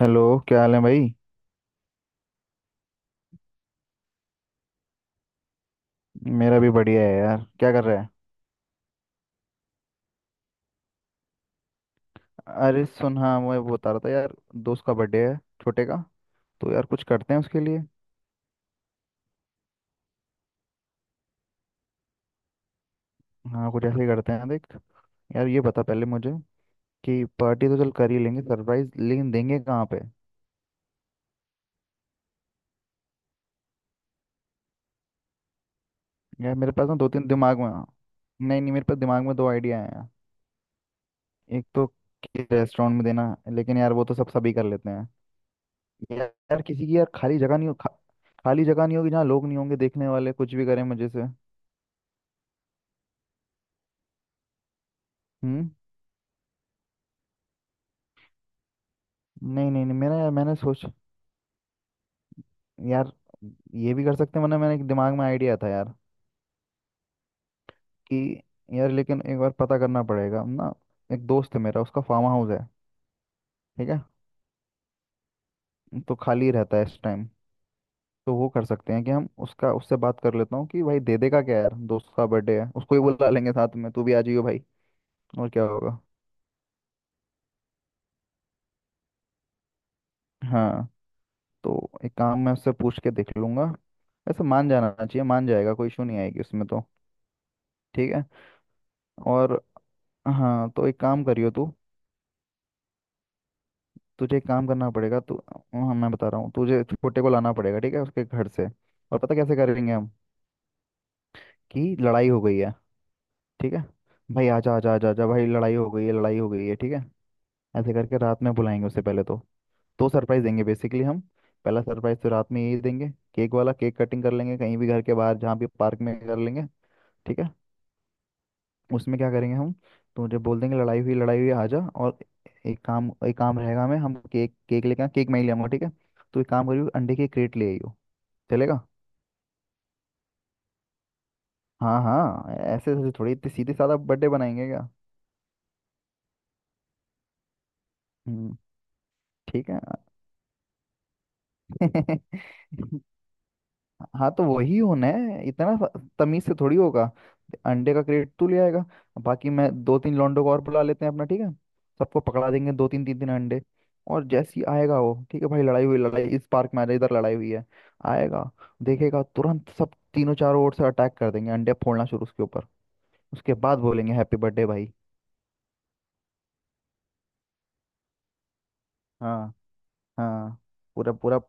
Hello. क्या हाल है भाई? मेरा भी बढ़िया है यार। क्या कर रहा है? अरे सुन, हाँ मैं वो बता रहा था यार, दोस्त का बर्थडे है, छोटे का, तो यार कुछ करते हैं उसके लिए। हाँ कुछ ऐसे ही करते हैं, देख यार, ये बता पहले मुझे कि पार्टी तो चल कर ही लेंगे सरप्राइज, लेकिन देंगे कहाँ पे? यार मेरे पास ना दो तीन दिमाग में हाँ। नहीं नहीं, मेरे पास दिमाग में दो आइडिया हैं यार। एक तो रेस्टोरेंट में देना, लेकिन यार वो तो सब सभी कर लेते हैं यार। यार किसी की यार खाली जगह नहीं हो खाली जगह नहीं होगी जहाँ लोग नहीं होंगे देखने वाले, कुछ भी करें मजे से। हम्म, नहीं नहीं नहीं, मेरा मैंने सोच यार, ये भी कर सकते हैं, वरना मैंने एक दिमाग में आइडिया था यार, कि यार, लेकिन एक बार पता करना पड़ेगा ना। एक दोस्त है मेरा, उसका फार्म हाउस है, ठीक है? तो खाली रहता है इस टाइम, तो वो कर सकते हैं कि हम उसका उससे बात कर लेता हूँ कि भाई दे देगा क्या, यार दोस्त का बर्थडे है, उसको ही बुला लेंगे साथ में, तू भी आ जाइयो भाई, और क्या होगा। हाँ तो एक काम मैं उससे पूछ के देख लूंगा, वैसे मान जाना चाहिए, मान जाएगा, कोई इशू नहीं आएगी उसमें तो। ठीक है। और हाँ तो एक काम करियो तू, तुझे एक काम करना पड़ेगा तू, हाँ मैं बता रहा हूँ तुझे, छोटे को लाना पड़ेगा, ठीक है, उसके घर से। और पता कैसे करेंगे हम कि लड़ाई हो गई है, ठीक है? भाई आजा आजा आजा आजा, भाई लड़ाई हो गई है, लड़ाई हो गई है, ठीक है। ऐसे करके रात में बुलाएंगे उसे पहले तो। दो सरप्राइज देंगे बेसिकली हम। पहला सरप्राइज तो रात में यही देंगे, केक वाला, केक कटिंग कर लेंगे कहीं भी घर के बाहर, जहाँ भी, पार्क में कर लेंगे, ठीक है। उसमें क्या करेंगे हम, तुझे बोल देंगे लड़ाई हुई, लड़ाई हुई आजा, और एक काम, एक काम रहेगा हमें, हम केक केक लेके केक मैं ही ले आऊंगा, ठीक है। तो एक काम करियो, अंडे की क्रेट ले आइयो, चलेगा? हाँ हाँ, ऐसे ऐसे थोड़ी, इतनी सीधे साधा बर्थडे बनाएंगे क्या? हम्म, ठीक है। हाँ तो वही होना है, इतना तमीज से थोड़ी होगा। अंडे का क्रेट तू ले आएगा, बाकी मैं दो तीन लौंडों को और बुला लेते हैं अपना, ठीक है। सबको पकड़ा देंगे दो तीन, तीन तीन अंडे, और जैसे ही आएगा वो, ठीक है भाई लड़ाई हुई, लड़ाई इस पार्क में आ जाए इधर, लड़ाई हुई है, आएगा, देखेगा, तुरंत सब तीनों चारों ओर से अटैक कर देंगे, अंडे फोड़ना शुरू उसके ऊपर, उसके बाद बोलेंगे हैप्पी बर्थडे भाई। हाँ हाँ, पूरा पूरा।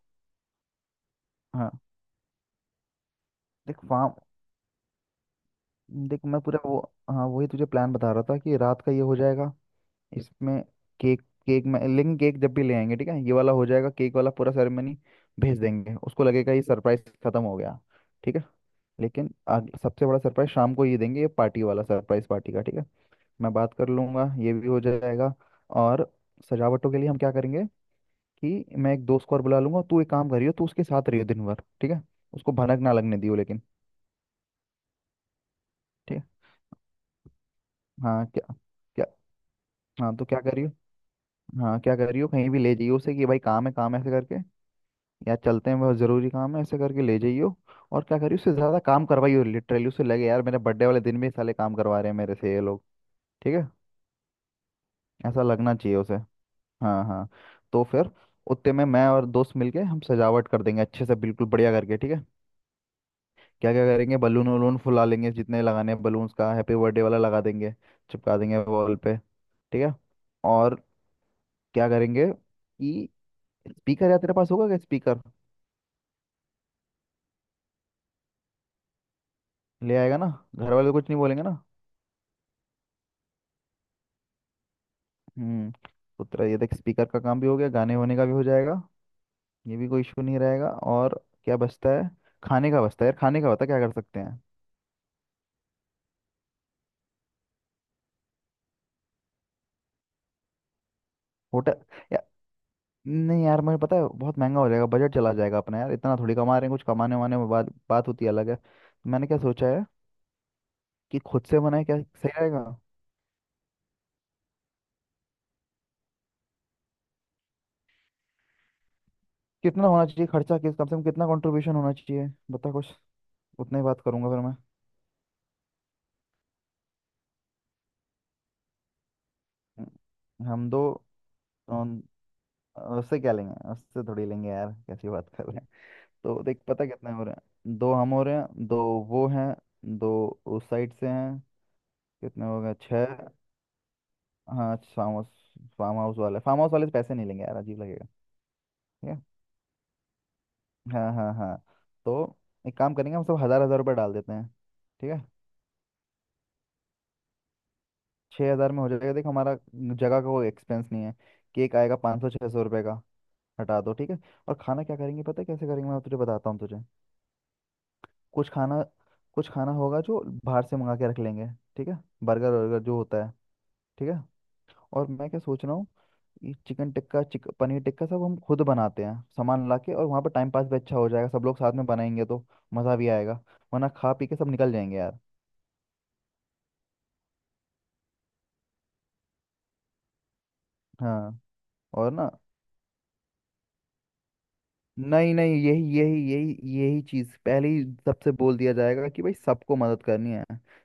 हाँ, देख फार्म, देख मैं पूरा वो, हाँ वही तुझे प्लान बता रहा था कि रात का ये हो जाएगा इसमें, केक, केक में लेकिन केक जब भी ले आएंगे, ठीक है, ये वाला हो जाएगा, केक वाला पूरा सेरेमनी। भेज देंगे, उसको लगेगा ये सरप्राइज खत्म हो गया, ठीक है। लेकिन सबसे बड़ा सरप्राइज शाम को ये देंगे, ये पार्टी वाला सरप्राइज, पार्टी का, ठीक है। मैं बात कर लूंगा, ये भी हो जाएगा। और सजावटों के लिए हम क्या करेंगे कि मैं एक दोस्त को और बुला लूंगा, तू एक काम करियो, तू उसके साथ रहियो दिन भर, ठीक है, उसको भनक ना लगने दियो लेकिन। ठीक है। हाँ क्या, क्या। हाँ तो क्या करियो, हाँ क्या कर रही हो, कहीं भी ले जाइयो उसे कि भाई काम है, काम है, ऐसे करके, या चलते हैं बहुत ज़रूरी काम है, ऐसे करके ले जाइयो। और क्या करियो, उससे ज़्यादा काम करवाइयो लिटरली, उसे लगे यार मेरे बर्थडे वाले दिन भी साले काम करवा रहे हैं मेरे से ये लोग। ठीक है, ऐसा लगना चाहिए उसे। हाँ हाँ, तो फिर उतने में मैं और दोस्त मिलके हम सजावट कर देंगे अच्छे से, बिल्कुल बढ़िया करके, ठीक है। क्या क्या करेंगे, बलून वलून फुला लेंगे जितने लगाने हैं, बलून्स का हैप्पी बर्थडे वाला लगा देंगे, चिपका देंगे वॉल पे, ठीक है। और क्या करेंगे कि स्पीकर, या तेरे पास होगा क्या स्पीकर? ले आएगा ना, घर वाले तो कुछ नहीं बोलेंगे ना? हम्म, तो तेरा ये देख स्पीकर का काम भी हो गया, गाने वाने का भी हो जाएगा, ये भी कोई इशू नहीं रहेगा। और क्या बचता है, खाने का बचता है यार, खाने का बता क्या कर सकते हैं? होटल, या नहीं यार, मुझे पता है बहुत महंगा हो जाएगा, बजट चला जाएगा अपना, यार इतना थोड़ी कमा रहे हैं, कुछ कमाने वाने में बात बात होती है अलग है, तो मैंने क्या सोचा है कि खुद से बनाए क्या सही रहेगा। कितना होना चाहिए खर्चा, किस कम से कम कितना कंट्रीब्यूशन होना चाहिए, बता कुछ, उतना ही बात करूंगा फिर मैं। हम दो। उससे क्या लेंगे, उससे थोड़ी लेंगे यार, कैसी बात कर रहे हैं। तो देख पता कितने हो रहे हैं, दो हम हो रहे हैं दो, वो हैं दो, उस साइड से हैं, कितने हो गए, छः? हाँ फार्म हाउस, फार्म हाउस वाले से पैसे नहीं लेंगे यार, अजीब लगेगा। ठीक है। हाँ हाँ हाँ, तो एक काम करेंगे, हम सब हज़ार हज़ार रुपये डाल देते हैं, ठीक है। छः हज़ार में हो जाएगा, देख हमारा जगह का कोई एक्सपेंस नहीं है, केक आएगा पाँच सौ छः सौ रुपये का, हटा दो, ठीक है। और खाना क्या करेंगे पता है कैसे करेंगे, मैं तुझे बताता हूँ तुझे। कुछ खाना, कुछ खाना होगा जो बाहर से मंगा के रख लेंगे, ठीक है, बर्गर वर्गर जो होता है, ठीक है। और मैं क्या सोच रहा हूँ, ये चिकन टिक्का, चिक पनीर टिक्का सब हम खुद बनाते हैं सामान ला के, और वहाँ पर टाइम पास भी अच्छा हो जाएगा, सब लोग साथ में बनाएंगे तो मज़ा भी आएगा, वरना खा पी के सब निकल जाएंगे यार। हाँ और ना, नहीं नहीं, यही यही यही यही चीज पहले ही सबसे बोल दिया जाएगा कि भाई सबको मदद करनी है,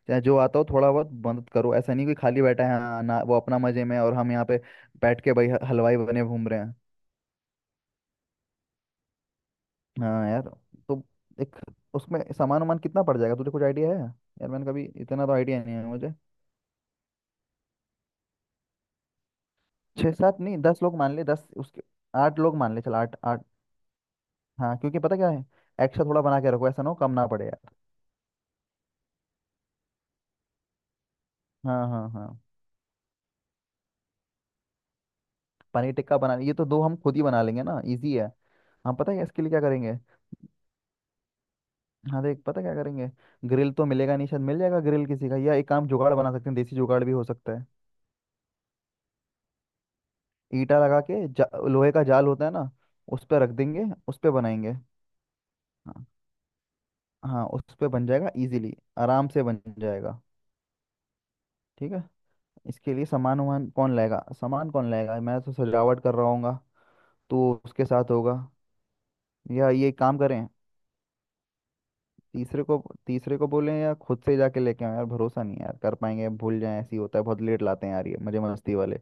चाहे जो आता हो थोड़ा बहुत मदद करो, ऐसा नहीं कि खाली बैठा है हाँ, ना वो अपना मजे में और हम यहाँ पे बैठ के भाई हलवाई बने घूम रहे हैं। हाँ यार, तो एक, उसमें सामान वामान कितना पड़ जाएगा, तुझे कुछ आइडिया है यार? मैंने कभी, इतना तो आइडिया नहीं है मुझे। छः सात नहीं, दस लोग मान ले, दस उसके। आठ लोग मान ले चल, आठ, आठ। हाँ क्योंकि पता क्या है, एक्स्ट्रा थोड़ा बना के रखो, ऐसा ना हो कम ना पड़े यार। हाँ हाँ हाँ। पनीर टिक्का बना, ये तो दो हम खुद ही बना लेंगे ना, इजी है। हाँ पता है इसके लिए क्या करेंगे। हाँ देख, पता क्या करेंगे, ग्रिल तो मिलेगा नहीं, शायद मिल जाएगा ग्रिल किसी का, या एक काम जुगाड़ बना सकते हैं, देसी जुगाड़ भी हो सकता है। ईटा लगा के लोहे का जाल होता है ना, उस पर रख देंगे, उस पर बनाएंगे। हाँ हाँ, उस पर बन जाएगा इजीली, आराम से बन जाएगा। ठीक है, इसके लिए सामान वामान कौन लाएगा, सामान कौन लाएगा, मैं तो सजावट कर रहा हूँगा, तो उसके साथ होगा, या ये काम करें, तीसरे को, तीसरे को बोलें, या खुद से जाके लेके आए? यार भरोसा नहीं है, यार कर पाएंगे भूल जाए, ऐसी होता है, बहुत लेट लाते हैं यार, ये मजे मस्ती वाले।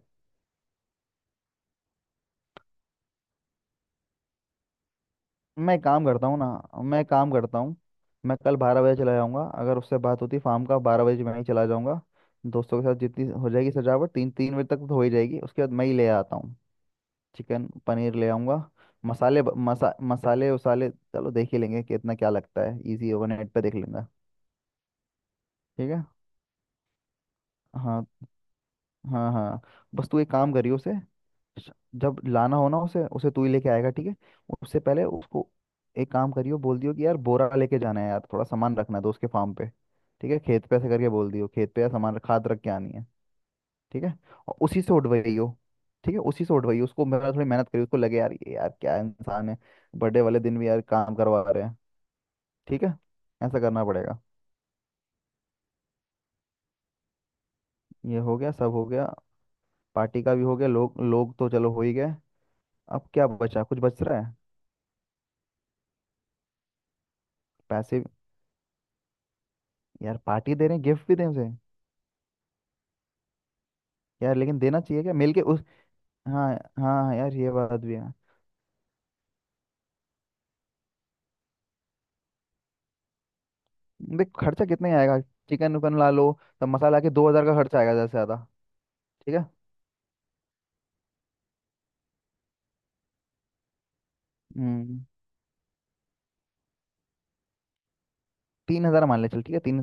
मैं काम करता हूँ ना, मैं काम करता हूँ, मैं कल बारह बजे चला जाऊँगा, अगर उससे बात होती फार्म का, बारह बजे मैं ही चला जाऊँगा। दोस्तों के साथ जितनी हो जाएगी सजावट, तीन तीन बजे तक तो हो ही जाएगी, उसके बाद मैं ही ले आता हूँ, चिकन पनीर ले आऊँगा। मसाले मसाले उसाले चलो देख ही लेंगे, कितना क्या लगता है, इजी होगा, नेट पे देख लेंगे। ठीक है, हाँ हाँ हाँ, बस तू एक काम करियो उसे, श- जब लाना हो ना उसे, उसे तू ही लेके आएगा, ठीक है, उससे पहले उसको एक काम करियो, बोल दियो कि यार बोरा लेके जाना है यार, थोड़ा सामान रखना है तो उसके फार्म पे, ठीक है, खेत पे, ऐसे करके बोल दियो खेत पे, यार सामान खाद रख के आनी है, ठीक है, और उसी से उठवाइयो, ठीक है उसी से उठवाइयो, उसको मेरा थोड़ी मेहनत करियो, उसको लगे यार ये यार क्या इंसान है, बर्थडे वाले दिन भी यार काम करवा रहे हैं, ठीक है, ऐसा करना पड़ेगा। ये हो गया, सब हो गया, पार्टी का भी हो गया, लोग लोग तो चलो हो ही गए, अब क्या बचा कुछ बच रहा है? पैसे, यार पार्टी दे रहे हैं, गिफ्ट भी दें उसे, यार लेकिन देना चाहिए, क्या मिल के उस, हाँ हाँ हाँ यार ये बात भी है। देख खर्चा कितने ही आएगा, चिकन उकन ला लो तब, मसाला के दो हजार का खर्चा आएगा ज्यादा से ज्यादा, ठीक है। हम्म, तीन हजार मान ले चल, ठीक है तीन,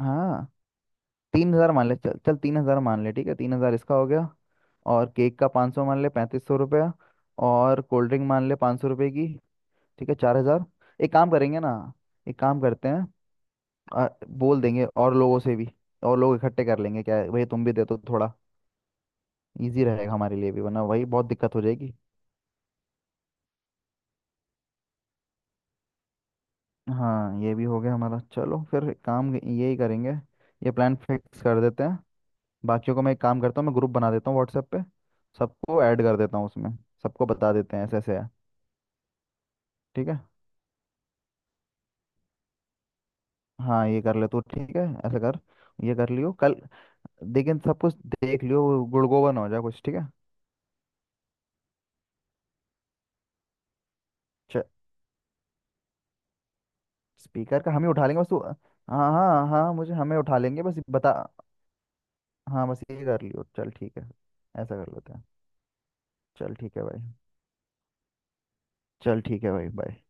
हाँ तीन हजार मान ले, चल चल तीन हजार मान ले, ठीक है तीन हजार इसका हो गया, और केक का पाँच सौ मान ले, पैंतीस सौ रुपया, और कोल्ड ड्रिंक मान ले पाँच सौ रुपये की, ठीक है चार हजार। एक काम करेंगे ना, एक काम करते हैं, बोल देंगे और लोगों से भी, और लोग इकट्ठे कर लेंगे, क्या है, भाई तुम भी दे दो थोड़ा, इजी रहेगा हमारे लिए भी, वरना वही बहुत दिक्कत हो जाएगी। हाँ ये भी हो गया हमारा, चलो फिर काम यही करेंगे, ये प्लान फिक्स कर देते हैं। बाकियों को मैं एक काम करता हूँ, मैं ग्रुप बना देता हूँ व्हाट्सएप पे, सबको ऐड कर देता हूँ उसमें, सबको बता देते हैं ऐसे ऐसे है। ठीक है, हाँ ये कर ले तू, ठीक है, ऐसा कर, ये कर लियो कल, लेकिन सब कुछ देख लियो, वो गुड़गोबर ना हो जाए कुछ, ठीक है। च- स्पीकर का हम ही उठा लेंगे, बस तू, हाँ हाँ हाँ मुझे, हमें उठा लेंगे, बस बता। हाँ बस ये कर लियो चल, ठीक है, ऐसा कर लेते हैं। चल ठीक है भाई, चल ठीक है भाई, बाय।